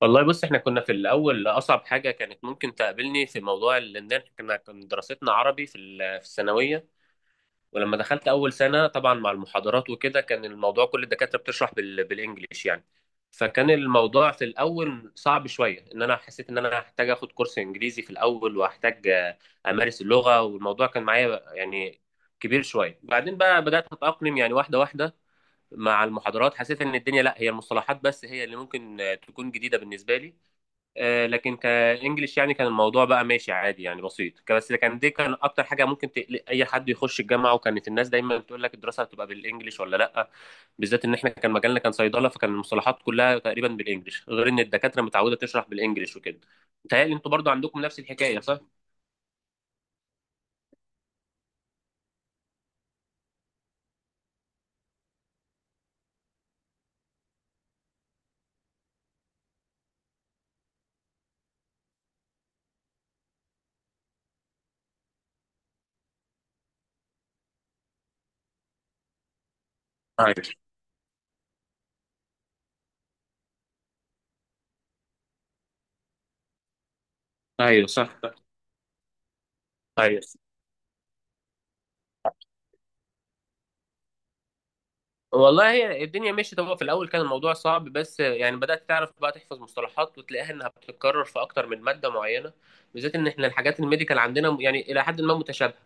والله بص، احنا كنا في الاول اصعب حاجه كانت ممكن تقابلني في موضوع ان احنا كنا كان دراستنا عربي في الثانويه. ولما دخلت اول سنه طبعا مع المحاضرات وكده كان الموضوع كل الدكاتره بتشرح بالانجليش يعني. فكان الموضوع في الاول صعب شويه، ان انا حسيت ان انا هحتاج اخد كورس انجليزي في الاول وهحتاج امارس اللغه، والموضوع كان معايا يعني كبير شويه. بعدين بقى بدات اتاقلم يعني واحده واحده مع المحاضرات. حسيت ان الدنيا، لا، هي المصطلحات بس هي اللي ممكن تكون جديده بالنسبه لي. لكن كانجليش يعني كان الموضوع بقى ماشي عادي يعني بسيط، بس كان دي كان اكتر حاجه ممكن تقلق اي حد يخش الجامعه. وكانت الناس دايما بتقول لك الدراسه هتبقى بالانجليش ولا لا. بالذات ان احنا كان مجالنا كان صيدله، فكان المصطلحات كلها تقريبا بالانجليش، غير ان الدكاتره متعوده تشرح بالانجليش وكده. متهيألي انتوا برضو عندكم نفس الحكايه، صح؟ ايوه، صح. ايوه. والله هي الدنيا مشيت، هو في الاول كان الموضوع صعب بس يعني بدات تعرف بقى تحفظ مصطلحات وتلاقيها انها بتتكرر في اكتر من ماده معينه. بالذات ان احنا الحاجات الميديكال عندنا يعني الى حد ما متشابهه.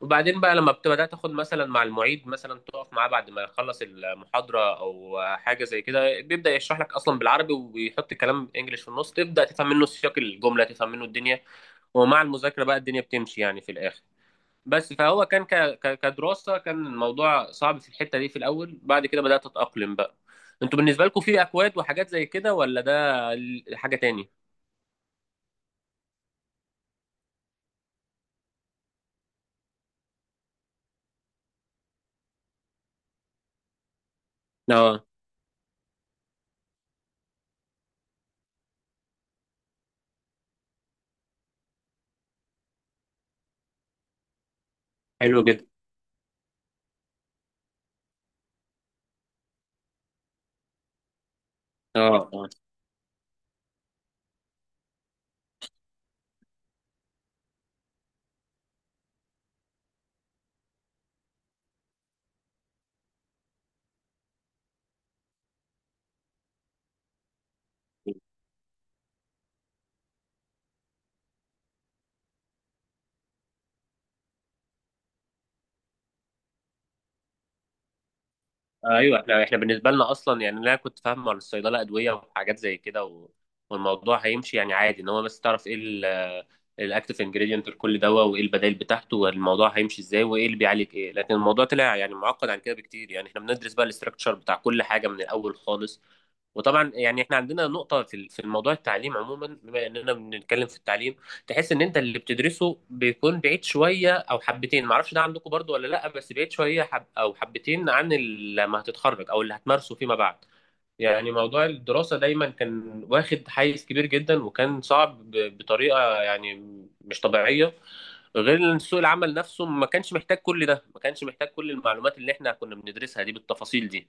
وبعدين بقى لما بدات تاخد مثلا مع المعيد، مثلا تقف معاه بعد ما يخلص المحاضره او حاجه زي كده، بيبدا يشرح لك اصلا بالعربي ويحط كلام انجليش في النص، تبدا تفهم منه سياق الجمله، تفهم منه الدنيا. ومع المذاكره بقى الدنيا بتمشي يعني في الاخر. بس فهو كان كدراسة، كان الموضوع صعب في الحتة دي في الأول. بعد كده بدأت أتأقلم بقى. انتوا بالنسبة لكم في أكواد وحاجات زي كده، ولا ده حاجة تاني؟ اه. حلو جدا. اه، اه. ايوه. احنا بالنسبه لنا اصلا يعني انا كنت فاهم على الصيدله، ادويه وحاجات زي كده و... والموضوع هيمشي يعني عادي، ان هو بس تعرف ايه الاكتف انجريدينت لكل دواء، وايه البدائل بتاعته، والموضوع هيمشي ازاي، وايه اللي بيعالج ايه. لكن الموضوع طلع يعني معقد عن كده بكتير، يعني احنا بندرس بقى الاستراكشر بتاع كل حاجه من الاول خالص. وطبعا يعني احنا عندنا نقطه في الموضوع التعليم عموما، بما اننا بنتكلم في التعليم. تحس ان انت اللي بتدرسه بيكون بعيد شويه او حبتين، معرفش ده عندكم برضو ولا لا، بس بعيد شويه حب او حبتين عن لما هتتخرج او اللي هتمارسه فيما بعد. يعني موضوع الدراسه دايما كان واخد حيز كبير جدا، وكان صعب بطريقه يعني مش طبيعيه. غير ان سوق العمل نفسه ما كانش محتاج كل ده، ما كانش محتاج كل المعلومات اللي احنا كنا بندرسها دي بالتفاصيل دي.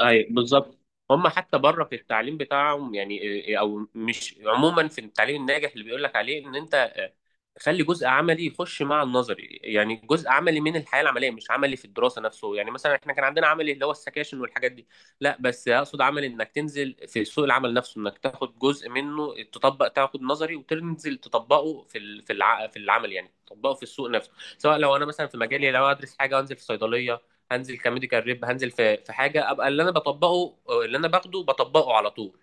اي، بالظبط. هم حتى بره في التعليم بتاعهم يعني او مش، عموما في التعليم الناجح اللي بيقول لك عليه ان انت خلي جزء عملي يخش مع النظري، يعني جزء عملي من الحياه العمليه، مش عملي في الدراسه نفسه، يعني مثلا احنا كان عندنا عملي اللي هو السكاشن والحاجات دي. لا، بس اقصد عملي انك تنزل في سوق العمل نفسه، انك تاخد جزء منه تطبق، تاخد نظري وتنزل تطبقه في العمل، يعني تطبقه في السوق نفسه. سواء لو انا مثلا في مجالي، لو ادرس حاجه وانزل في صيدليه، هنزل كميديكال ريب، هنزل في حاجه ابقى اللي انا بطبقه، اللي انا باخده بطبقه على طول.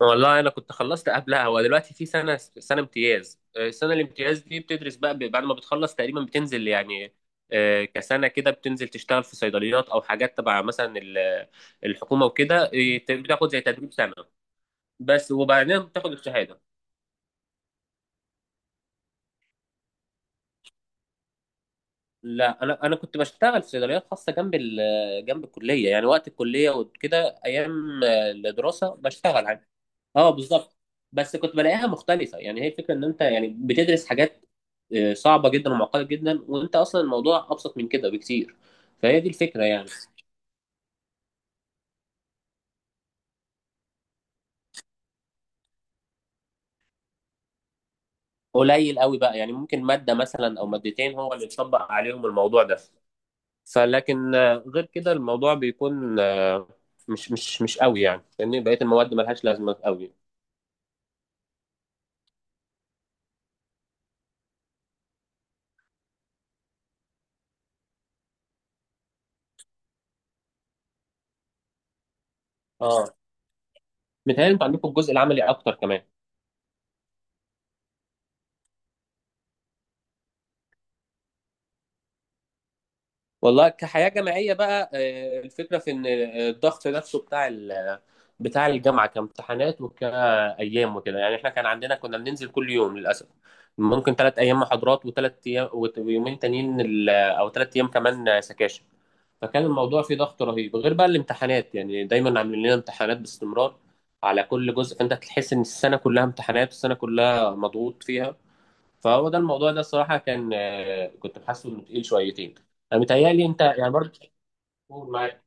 والله انا كنت خلصت قبلها، ودلوقتي في سنه امتياز. السنه الامتياز دي بتدرس بقى بعد ما بتخلص تقريبا، بتنزل يعني كسنه كده بتنزل تشتغل في صيدليات او حاجات تبع مثلا الحكومه وكده. بتاخد زي تدريب سنه بس، وبعدين بتاخد الشهاده. لا، انا كنت بشتغل في صيدليات خاصه، جنب جنب الكليه، يعني وقت الكليه وكده، ايام الدراسه بشتغل. اه، بالظبط. بس كنت بلاقيها مختلفه، يعني هي فكره ان انت يعني بتدرس حاجات صعبه جدا ومعقده جدا، وانت اصلا الموضوع ابسط من كده بكتير. فهي دي الفكره يعني. قليل قوي بقى، يعني ممكن ماده مثلا او مادتين هو اللي اتطبق عليهم الموضوع ده. فلكن غير كده الموضوع بيكون مش قوي، يعني لان بقيه المواد ملهاش لازمه قوي. اه، متهيألي انتوا عندكم الجزء العملي اكتر كمان. والله كحياة جامعية بقى، الفكرة في إن الضغط نفسه بتاع بتاع الجامعة، كامتحانات وكأيام وكده، يعني إحنا كان عندنا كنا بننزل كل يوم للأسف، ممكن ثلاث أيام محاضرات وثلاث أيام ويومين تانيين، أو ثلاث أيام كمان سكاشن. فكان الموضوع فيه ضغط رهيب، غير بقى الامتحانات، يعني دايما عاملين لنا امتحانات باستمرار على كل جزء، فأنت تحس إن السنة كلها امتحانات، السنة كلها مضغوط فيها. فهو ده الموضوع ده، الصراحه كان كنت حاسه انه تقيل شويتين. انا متهيألي انت يعني برضه. قول معايا.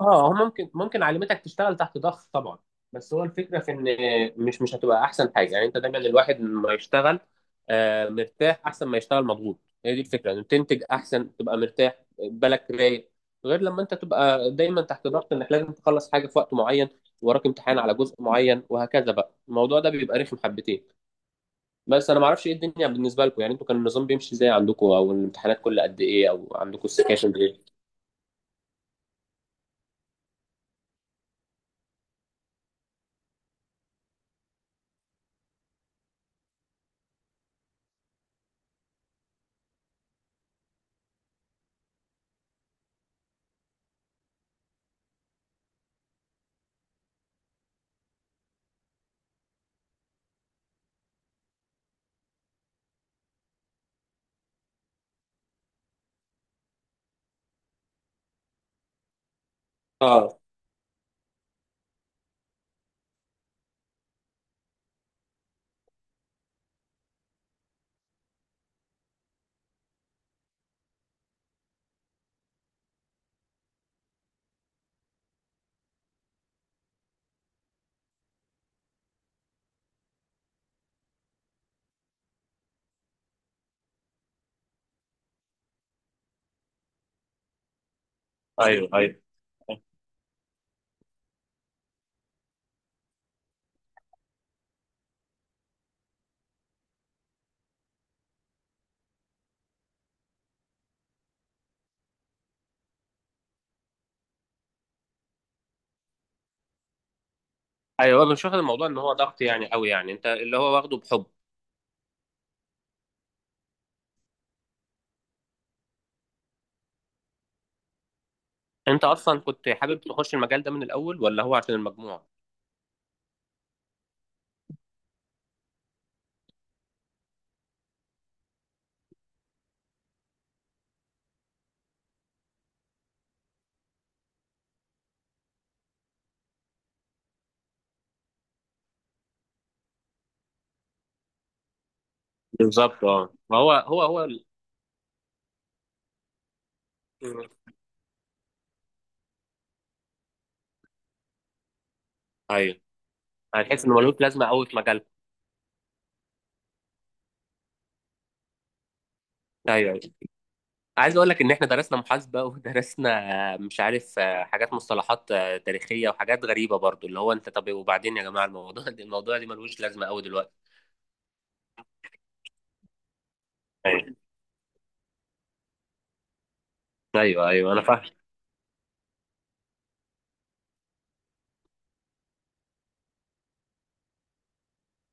اه، هو ممكن علمتك تشتغل تحت ضغط طبعا، بس هو الفكره في ان مش هتبقى احسن حاجه، يعني انت دايما الواحد ما يشتغل مرتاح احسن ما يشتغل مضغوط. هي دي الفكره، انك تنتج احسن تبقى مرتاح بالك رايق، غير لما انت تبقى دايما تحت ضغط انك لازم تخلص حاجه في وقت معين، وراك امتحان على جزء معين وهكذا، بقى الموضوع ده بيبقى رخم حبتين. بس انا ما اعرفش ايه الدنيا بالنسبه لكم، يعني انتوا كان النظام بيمشي ازاي عندكم، او الامتحانات كل قد ايه، او عندكم السكاشن ايه؟ اه، ايوه، ايوه، ايوه، مش واخد الموضوع ان هو ضغط يعني قوي، يعني انت اللي هو واخده بحب. انت اصلا كنت حابب تخش المجال ده من الاول، ولا هو عشان المجموع؟ بالظبط. اه، ما هو مم. ايوه، هتحس انه ملوش لازمه قوي في مجالكم. ايوه، أيوة. عايز اقول لك ان احنا درسنا محاسبه، ودرسنا مش عارف حاجات، مصطلحات تاريخيه وحاجات غريبه برضو، اللي هو انت طب وبعدين يا جماعه الموضوع ده، الموضوع دي ملوش لازمه قوي دلوقتي. ايوه، ايوه، ايوه، انا فاهم.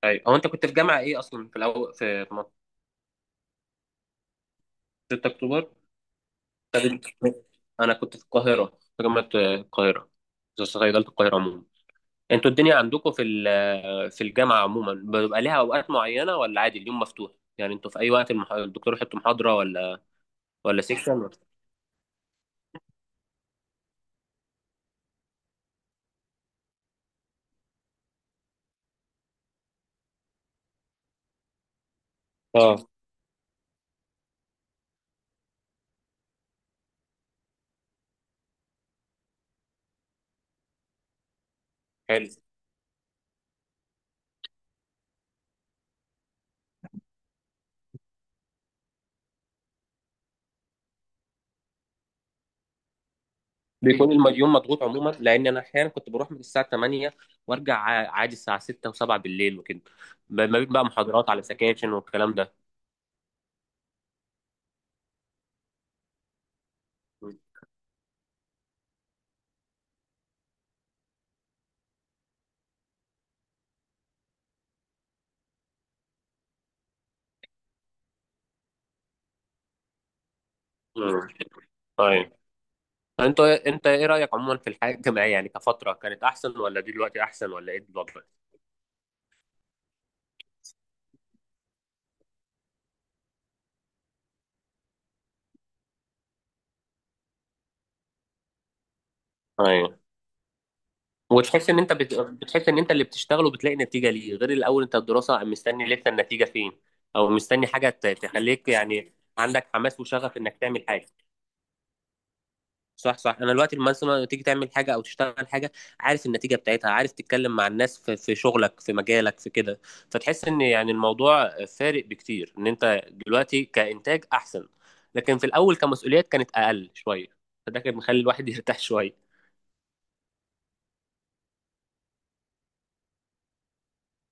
ايوه، هو انت كنت في جامعه ايه اصلا؟ في الاول في منطقة؟ 6 اكتوبر. انا كنت في القاهره، في جامعه القاهره، في صيدله القاهره عموما. انتوا الدنيا عندكم في الجامعه عموما، بيبقى ليها اوقات معينه ولا عادي اليوم مفتوح؟ يعني انتوا في اي وقت الدكتور يحط محاضره، ولا سيكشن، ولا؟ اه، حلو. بيكون اليوم مضغوط عموما، لان انا احيانا كنت بروح من الساعه 8 وارجع عادي الساعه 6 و7 بالليل وكده، ما بين بقى محاضرات على سكاشن والكلام ده. مم. طيب. انت ايه رايك عموما في الحياه الجامعيه؟ يعني كفتره كانت احسن، ولا دي دلوقتي احسن، ولا ايه بالظبط؟ ايوه. وتحس ان انت بتحس ان انت اللي بتشتغله بتلاقي نتيجه ليه، غير الاول انت الدراسه مستني لسه، النتيجه فين؟ او مستني حاجه تخليك يعني عندك حماس وشغف انك تعمل حاجه. صح، صح. انا دلوقتي لما مثلا، لما تيجي تعمل حاجه او تشتغل حاجه، عارف النتيجه بتاعتها، عارف تتكلم مع الناس في شغلك، في مجالك، في كده. فتحس ان يعني الموضوع فارق بكتير، ان انت دلوقتي كانتاج احسن. لكن في الاول كمسؤوليات كانت اقل شويه، فده كان مخلي الواحد يرتاح شويه.